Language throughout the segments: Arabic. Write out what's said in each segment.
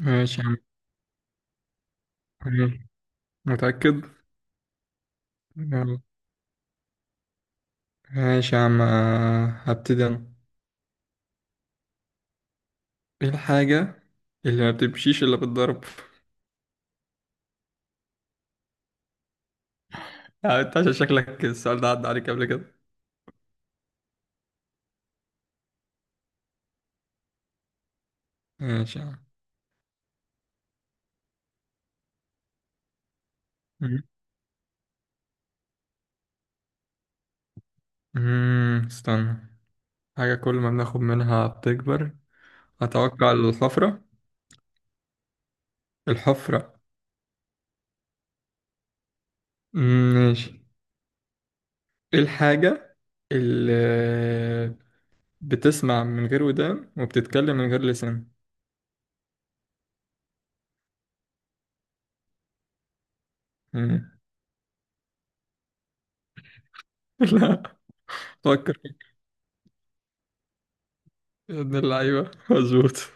ماشي يا عم. تمام. متأكد؟ يلا. ماشي يا عم هبتدي أنا. إيه الحاجة اللي ما بتمشيش إلا بالضرب؟ يعني أنت عشان شكلك السؤال ده عدى عليك قبل كده. ماشي يا عم. مم. استنى. حاجة كل ما بناخد منها بتكبر. أتوقع الحفرة. الحفرة. ماشي. إيه الحاجة اللي بتسمع من غير ودان وبتتكلم من غير لسان؟ مم. لا. فكر. يا ابن اللعيبة مظبوط.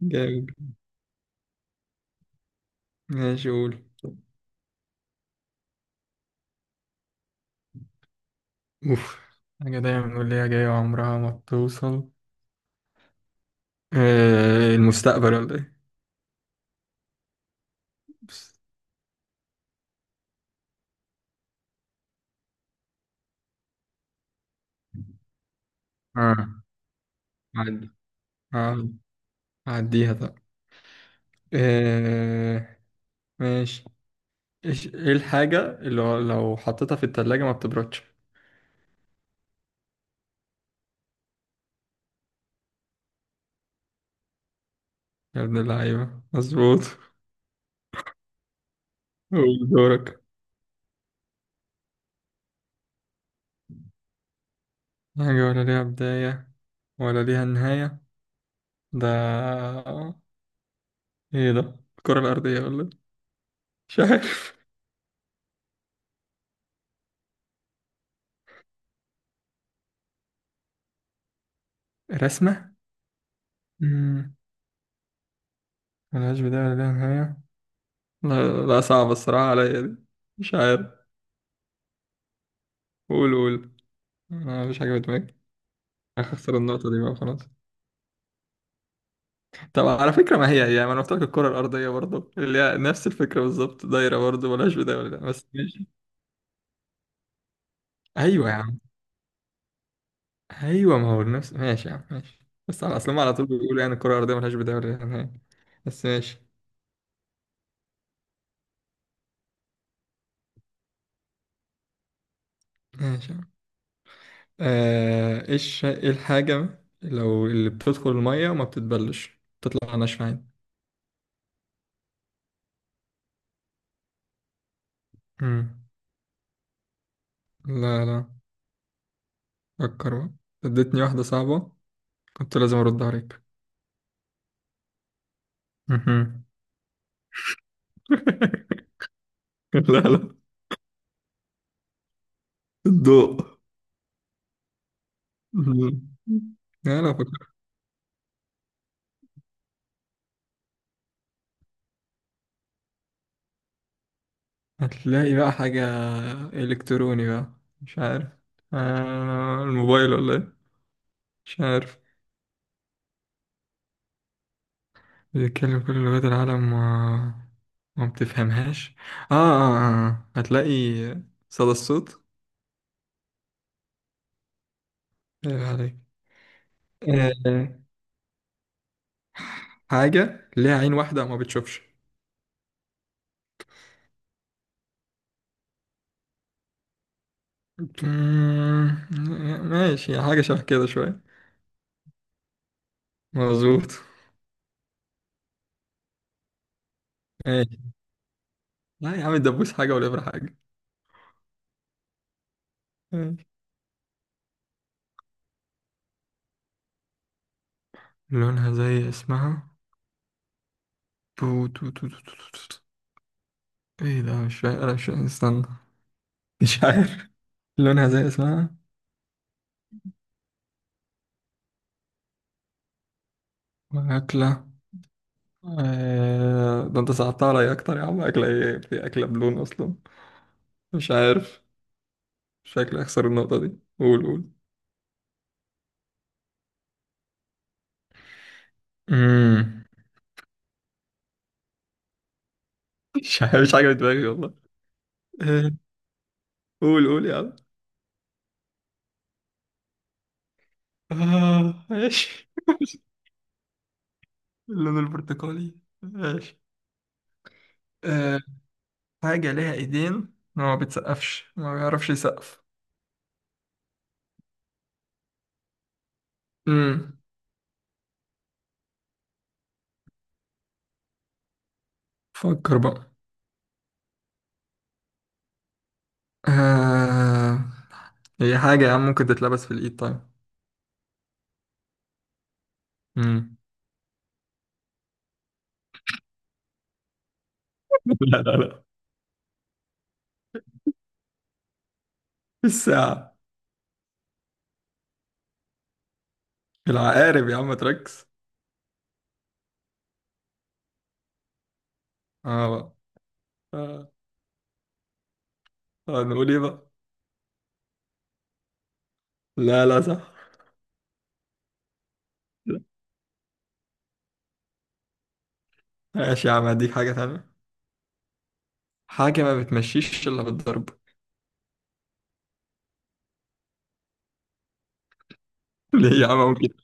جامد. ماشي قول. اوف. حاجة دايما نقول ليها جاية عمرها ما بتوصل. المستقبل ولا ايه؟ بس. اه، عدي. اه، عديها طب. آه ماشي. ايه الحاجة اللي هو لو حطيتها في التلاجة ما بتبردش؟ يا ابن اللعيبة مظبوط. قول دورك. حاجة ولا ليها بداية ولا ليها نهاية. ده ايه ده؟ الكرة الأرضية ولا إيه؟ مش عارف. رسمة؟ مم، ملهاش بداية ولا ليها نهاية. لا، لا صعب الصراحة عليا دي. مش عارف. قول قول. أنا مش حاجة بدماغي. هخسر النقطة دي بقى خلاص. طب على فكرة ما هي هي ما أنا قلت لك الكرة الأرضية برضه اللي هي نفس الفكرة بالظبط دايرة برضه ملهاش بداية ولا لأ، بس ماشي. أيوه يا عم. أيوه ما هو نفس، ماشي يا عم ماشي. بس على أصل هما على طول بيقولوا يعني الكرة الأرضية ملهاش بداية ولا نهاية. بس ماشي. ماشي يا عم. آه، إيش إيه الحاجة لو اللي بتدخل المية وما بتتبلش تطلع ناشفة عادي؟ مم. لا لا فكر بقى. اديتني واحدة صعبة. كنت لازم أرد عليك. مهم. لا لا. الضوء. مهم. لا لا فكر. هتلاقي بقى حاجة إلكتروني بقى. مش عارف. الموبايل ولا إيه؟ مش عارف. بيتكلم كل لغات العالم وما ما بتفهمهاش. هتلاقي. صدى الصوت. ايه عليك. آه حاجة ليها عين واحدة وما بتشوفش؟ مم، ماشي. حاجة شبه كده شوية. مظبوط. ماشي. لا يا عم الدبوس حاجة والإبرة حاجة. ماشي. لونها زي اسمها. بو تو تو تو تو تو تو. ايه ده؟ مش فاهم انا، مش فاهم، استنى. مش عارف. لونها زي اسمها. وأكلة. ده انت صعبتها عليا أكتر يا عم. أكلة ايه؟ في أكلة بلون أصلا؟ مش عارف. شكلي أخسر النقطة دي. قول قول. مم. مش عارف. مش حاجة في دماغي والله. آه، قول قول يا عم. ماشي. اللون البرتقالي. ماشي. حاجة ليها ايدين ما بتسقفش، ما بيعرفش يسقف؟ امم فكر بقى. آه... هي حاجة يا عم ممكن تتلبس في الايد طيب؟ امم. لا لا لا. الساعة. العقارب يا عم تركز. اه بقى. آه. آه. نقول ايه بقى؟ لا لا صح. لا. ماشي يا عم هديك حاجة تانية. حاجة ما بتمشيش إلا بالضرب. ليه يا عم أقول كده؟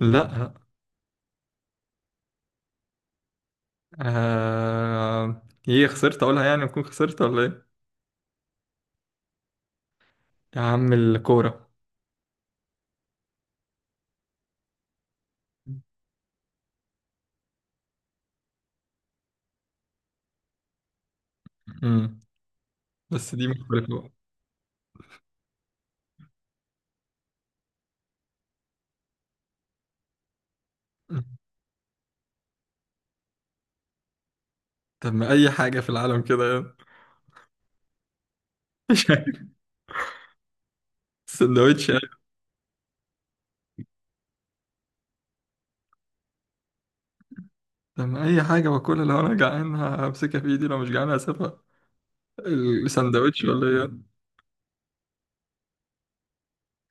لا. ايه، خسرت أقولها يعني؟ أكون خسرت ولا ايه؟ يا عم الكورة. امم. بس دي مختلفة بقى. طب ما أي حاجة في العالم كده يعني. مش عارف. سندوتش يعني؟ طب ما أي حاجة باكلها، لو أنا جعان همسكها في إيدي، لو مش جعان هسيبها. السندوتش ولا إيه يعني؟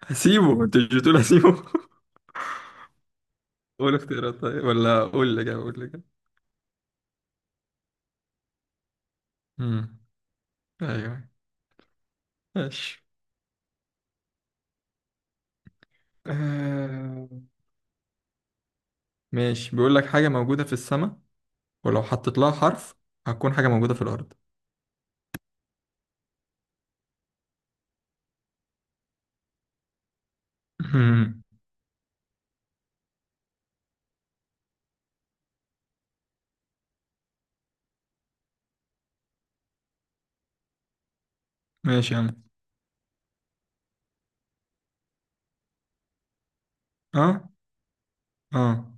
هسيبه؟ أنت مش بتقول هسيبه؟ قول اختيارات طيب، ولا قول اللي جاي، قول اللي جاي. امم أيوه. ماشي. آه، ماشي. بيقول لك حاجة موجودة في السماء، ولو حطيت لها حرف هتكون حاجة موجودة في الأرض. مم. ماشي يا عم. أه. أه.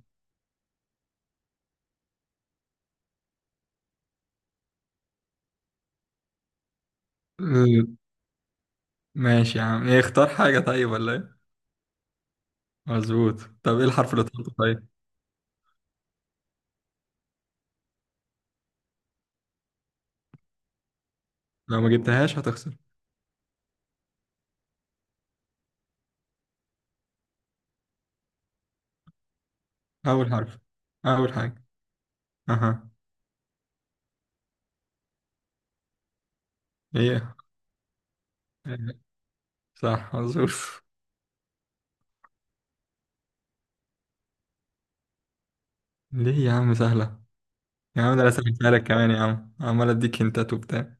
ال- ماشي يا عم إيه، اختار حاجة طيب ولا إيه؟ مظبوط. طب ايه الحرف اللي طلعته طيب؟ لو ما جبتهاش هتخسر. اول حرف. اول حاجه. اها. ايه. إيه. صح مظبوط. ليه يا عم سهله؟ يا عم ده انا سهلتها لك كمان يا عم عمال اديك هنتات وبتاع.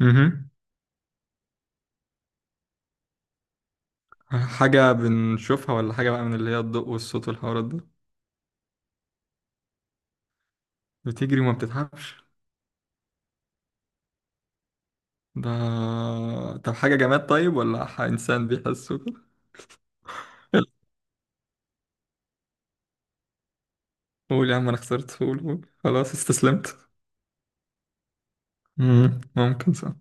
اها. حاجه بنشوفها، ولا حاجه بقى من اللي هي الضوء والصوت والحوارات ده؟ بتجري وما بتتعبش. ده طب حاجه جماد طيب، ولا انسان بيحس وكده؟ قول يا عم انا خسرت. قول قول خلاص استسلمت. مم. ممكن صح.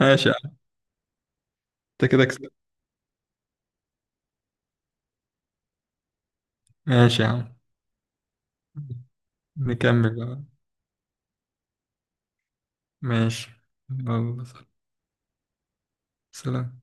ماشي يا عم. انت كده كسبت. ماشي يا عم. نكمل بقى. ماشي. يلا. سلام.